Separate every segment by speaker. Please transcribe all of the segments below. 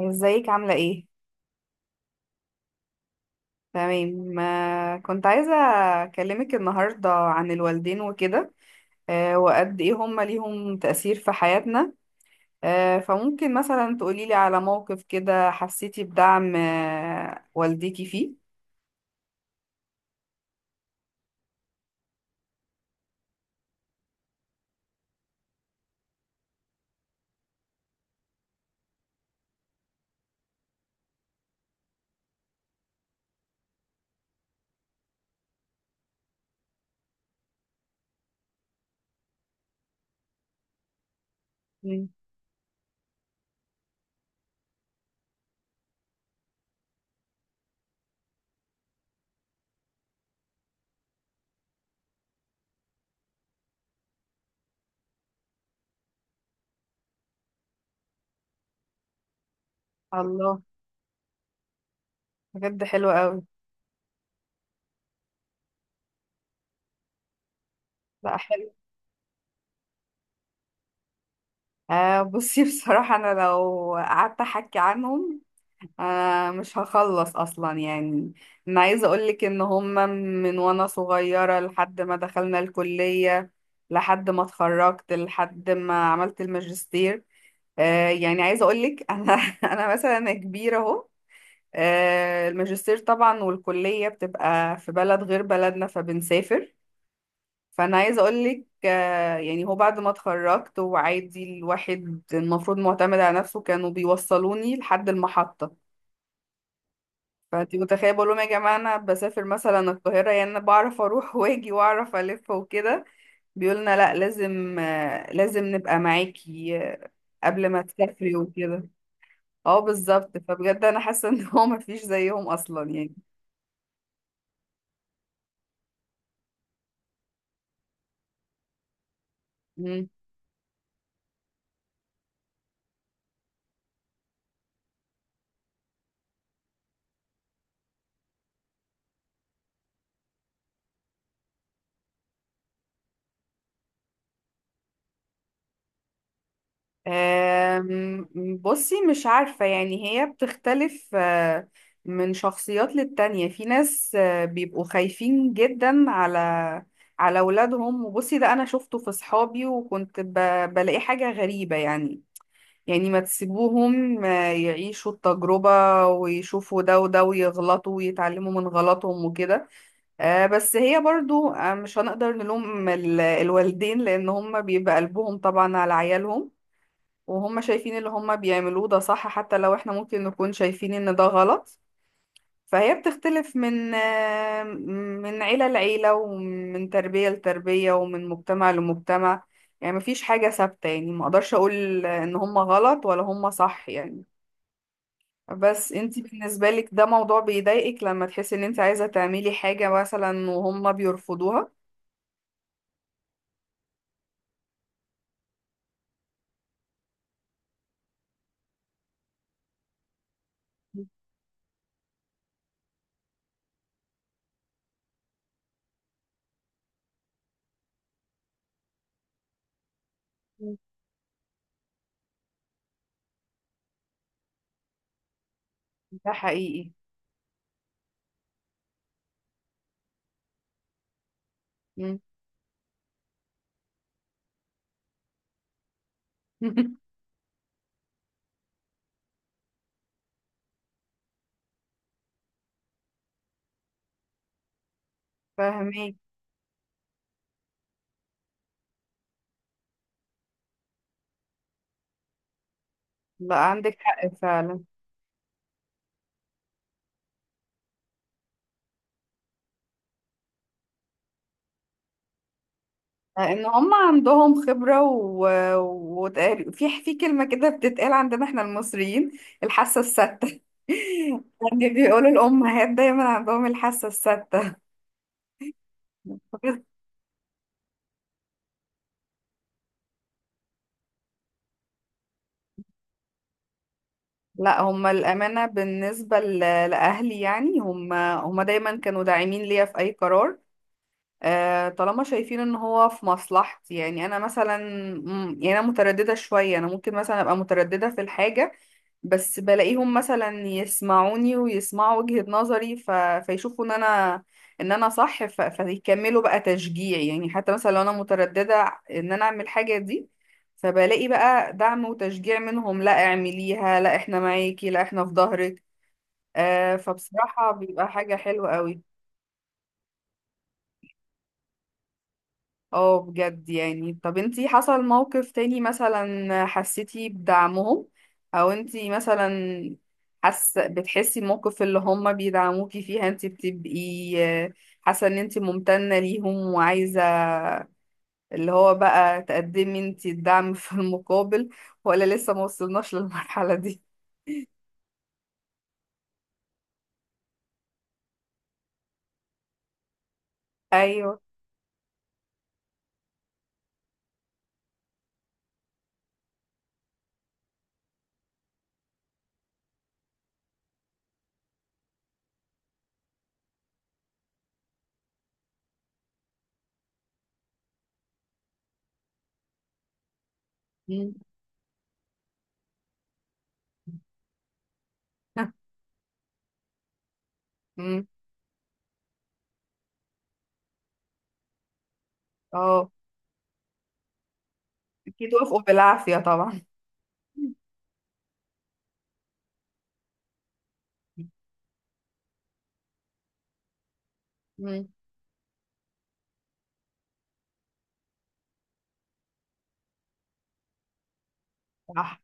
Speaker 1: ازيك عاملة ايه؟ تمام، كنت عايزة اكلمك النهاردة عن الوالدين وكده. وقد ايه هما ليهم تأثير في حياتنا؟ فممكن مثلا تقوليلي على موقف كده حسيتي بدعم والديكي فيه؟ مم. الله، بجد حلو قوي. لا، حلو. بصي، بصراحة انا لو قعدت احكي عنهم مش هخلص اصلا يعني. انا عايزه اقولك ان هما من وانا صغيره لحد ما دخلنا الكليه، لحد ما اتخرجت، لحد ما عملت الماجستير. يعني عايزه اقولك، انا مثلا، أنا كبيره اهو. الماجستير طبعا، والكليه بتبقى في بلد غير بلدنا فبنسافر. فانا عايزه اقولك، يعني هو بعد ما اتخرجت وعادي الواحد المفروض معتمد على نفسه، كانوا بيوصلوني لحد المحطه. فانت متخيله، بقول لهم يا جماعه انا بسافر مثلا القاهره، يعني انا بعرف اروح واجي واعرف الف وكده، بيقولنا لا لازم، نبقى معاكي قبل ما تسافري وكده. اه، بالظبط. فبجد انا حاسه ان هو مفيش زيهم اصلا يعني. أم، بصي، مش عارفة، يعني هي بتختلف من شخصيات للتانية. في ناس بيبقوا خايفين جدا على أولادهم. وبصي ده أنا شفته في صحابي، وكنت بلاقي حاجة غريبة يعني. يعني ما تسيبوهم يعيشوا التجربة ويشوفوا ده وده ويغلطوا ويتعلموا من غلطهم وكده. بس هي برضو مش هنقدر نلوم الوالدين لأن هم بيبقى قلبهم طبعا على عيالهم، وهم شايفين اللي هم بيعملوه ده صح حتى لو احنا ممكن نكون شايفين ان ده غلط. فهي بتختلف من عيلة لعيلة، ومن تربية لتربية، ومن مجتمع لمجتمع. يعني مفيش حاجة ثابتة، يعني ما اقدرش اقول ان هم غلط ولا هم صح يعني. بس انتي بالنسبة لك ده موضوع بيضايقك لما تحسي ان انت عايزة تعملي حاجة مثلا وهم بيرفضوها؟ مم. ده حقيقي. مم. فاهمك. لا، عندك حق فعلا. ان هم عندهم خبرة، في كلمة كده بتتقال عندنا احنا المصريين، الحاسة الستة. يعني بيقولوا الأمهات دايما عندهم الحاسة الستة. لا، هم الأمانة بالنسبة لأهلي، يعني هم دايما كانوا داعمين ليا في أي قرار، طالما شايفين ان هو في مصلحتي. يعني انا مثلا، يعني انا متردده شويه، انا ممكن مثلا ابقى متردده في الحاجه، بس بلاقيهم مثلا يسمعوني ويسمعوا وجهة نظري، فيشوفوا ان انا صح، فيكملوا بقى تشجيع. يعني حتى مثلا لو انا مترددة ان انا اعمل حاجة دي، فبلاقي بقى دعم وتشجيع منهم، لا اعمليها، لا احنا معاكي، لا احنا في ظهرك. فبصراحة بيبقى حاجة حلوة قوي. اه، بجد يعني. طب انتي حصل موقف تاني مثلا حسيتي بدعمهم؟ او انتي مثلا بتحسي الموقف اللي هم بيدعموكي فيها انتي بتبقي آه، حاسة ان انتي ممتنة ليهم، وعايزة اللي هو بقى تقدمي انتي الدعم في المقابل؟ ولا لسه ما وصلناش للمرحلة دي؟ ايوه. مم. مم. اه، اكيد وافقوا بالعافية طبعا. مم. صح.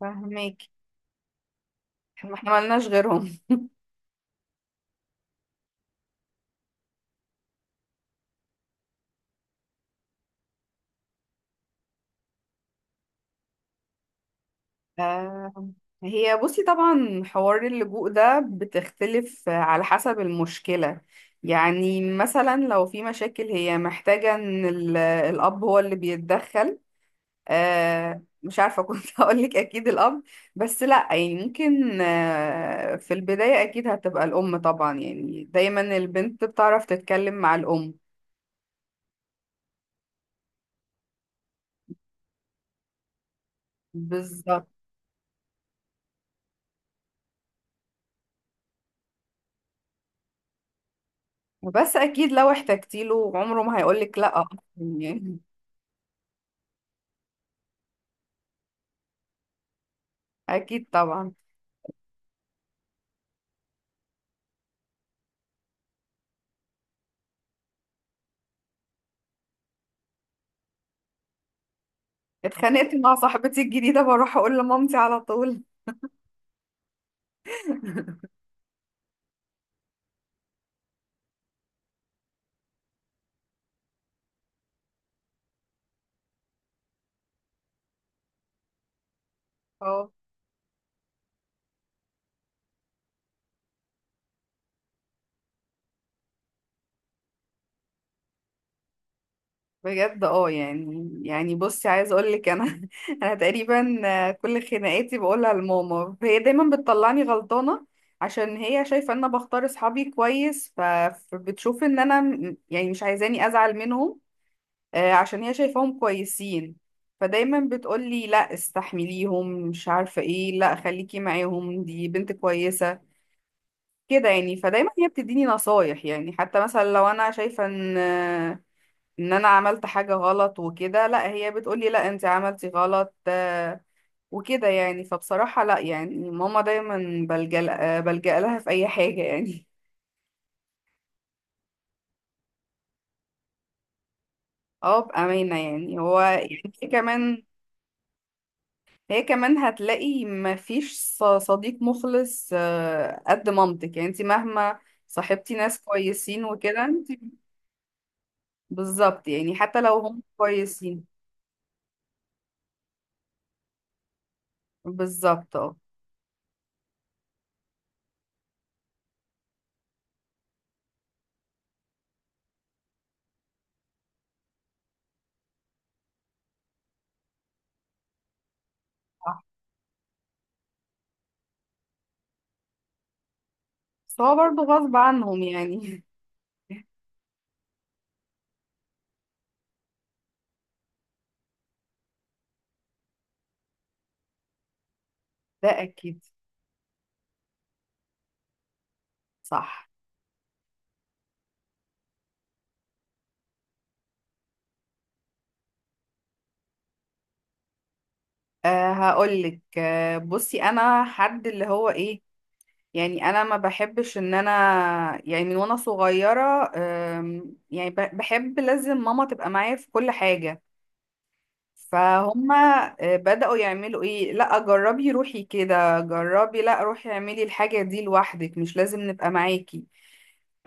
Speaker 1: فاهمك. ما احنا ملناش غيرهم. آه، هي بصي طبعا حوار اللجوء ده بتختلف على حسب المشكلة. يعني مثلا لو في مشاكل هي محتاجة ان الأب هو اللي بيتدخل، مش عارفة، كنت هقولك أكيد الأب. بس لأ يعني ممكن في البداية أكيد هتبقى الأم طبعا، يعني دايما البنت بتعرف تتكلم مع الأم. بالظبط. بس أكيد لو احتجتيله عمره ما هيقولك لأ، يعني. أكيد طبعا. اتخانقت مع صاحبتي الجديدة بروح اقول لمامتي على طول. اه، بجد. اه، يعني، بصي، عايز اقول لك انا، انا تقريبا كل خناقاتي بقولها لماما، هي دايما بتطلعني غلطانة عشان هي شايفة ان انا بختار اصحابي كويس، فبتشوف ان انا يعني مش عايزاني ازعل منهم عشان هي شايفاهم كويسين. فدايما بتقولي لا استحمليهم، مش عارفة ايه، لا خليكي معاهم دي بنت كويسة، كده يعني. فدايما هي بتديني نصايح، يعني حتى مثلا لو انا شايفه ان انا عملت حاجه غلط وكده، لا هي بتقولي لا انت عملتي غلط وكده يعني. فبصراحه لا، يعني ماما دايما بلجأ لها في اي حاجه يعني. اه، بامانه يعني. هو يعني هي كمان، هتلاقي ما فيش صديق مخلص قد مامتك، يعني انت مهما صاحبتي ناس كويسين وكده، انت بالظبط يعني، حتى لو هم كويسين. بالظبط اه. صح. بس هو برضه غصب عنهم يعني. ده اكيد. صح. أه، هقولك، بصي انا حد اللي هو ايه، يعني انا ما بحبش ان انا، يعني من وانا صغيرة، يعني بحب لازم ماما تبقى معايا في كل حاجة. فهما بدأوا يعملوا ايه، لا جربي روحي كده جربي، لا روحي اعملي الحاجة دي لوحدك مش لازم نبقى معاكي.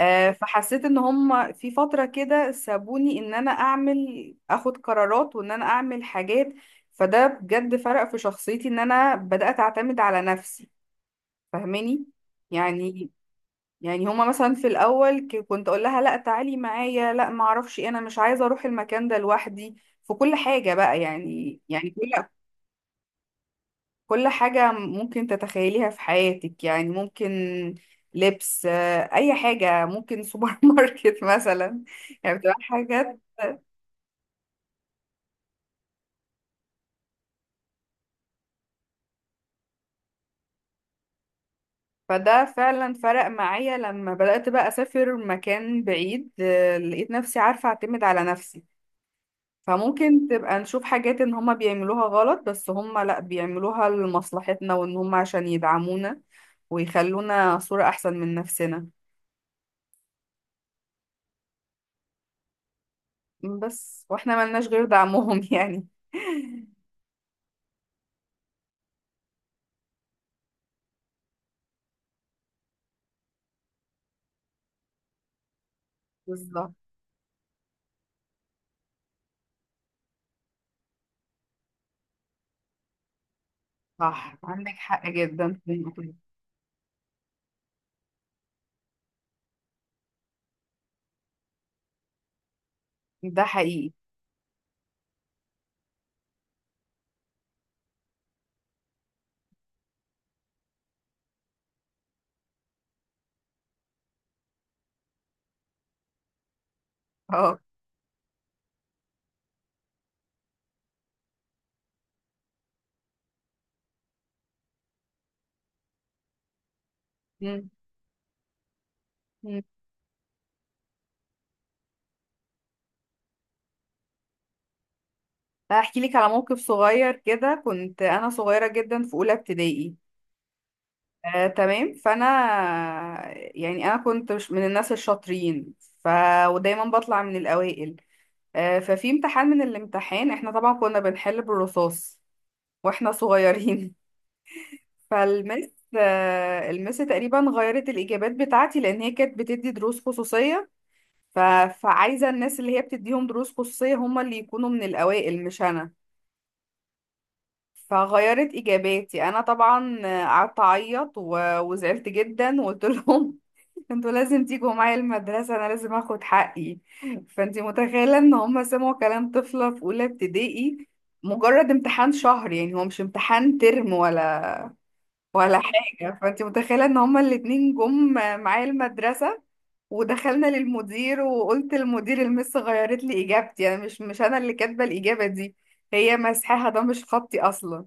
Speaker 1: فحسيت ان هم في فترة كده سابوني ان انا اخد قرارات وان انا اعمل حاجات. فده بجد فرق في شخصيتي ان انا بدأت اعتمد على نفسي، فاهماني؟ يعني، هما مثلا في الاول كنت اقول لها لا تعالي معايا، لا ما اعرفش إيه، انا مش عايزة اروح المكان ده لوحدي، في كل حاجة بقى يعني. كل كل حاجة ممكن تتخيليها في حياتك، يعني ممكن لبس، أي حاجة، ممكن سوبر ماركت مثلا. يعني بتبقى حاجات. فده فعلا فرق معايا لما بدأت بقى أسافر مكان بعيد، لقيت نفسي عارفة أعتمد على نفسي. فممكن تبقى نشوف حاجات إن هما بيعملوها غلط، بس هما لأ بيعملوها لمصلحتنا، وإن هما عشان يدعمونا ويخلونا صورة أحسن من نفسنا. بس وإحنا ملناش غير دعمهم يعني. بالظبط. صح، عندك حق جدا في النقطة دي. ده حقيقي اه. مم. مم. هحكي لك على موقف صغير كده. كنت انا صغيره جدا في اولى ابتدائي، تمام. فانا، يعني انا كنت مش من الناس الشاطرين، ف ودايما بطلع من الاوائل. ففي امتحان من الامتحان احنا طبعا كنا بنحل بالرصاص واحنا صغيرين، فالمس آه، المس تقريبا غيرت الاجابات بتاعتي لان هي كانت بتدي دروس خصوصيه، ف... فعايزة الناس اللي هي بتديهم دروس خصوصية هم اللي يكونوا من الأوائل مش أنا. فغيرت إجاباتي أنا طبعا. قعدت أعيط، وزعلت جدا وقلت لهم، انتوا لازم تيجوا معايا المدرسة، أنا لازم أخد حقي. فأنتي متخيلة إن هم سمعوا كلام طفلة في أولى ابتدائي، مجرد امتحان شهر، يعني هو مش امتحان ترم ولا حاجة؟ فأنتي متخيلة إن هما الاتنين جم معايا المدرسة ودخلنا للمدير، وقلت للمدير المس غيرت لي اجابتي، يعني مش انا اللي كاتبه الاجابه دي، هي مسحها، ده مش خطي اصلا.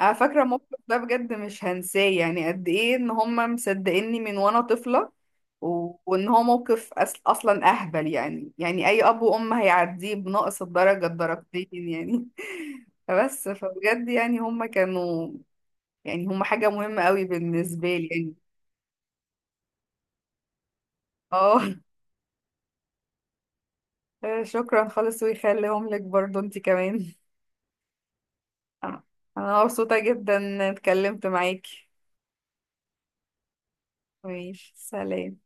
Speaker 1: انا فاكره الموقف ده، بجد مش هنساه، يعني قد ايه ان هم مصدقيني من وانا طفله وان هو موقف اصلا اهبل، يعني يعني اي اب وام هيعديه بناقص الدرجه الدرجتين يعني. فبجد، يعني هم كانوا، يعني هم حاجه مهمه قوي بالنسبه لي يعني. اه. شكرا خالص، ويخليهم لك برضو انت كمان. آه. انا مبسوطة جدا إني اتكلمت معاكي. ماشي، سلام.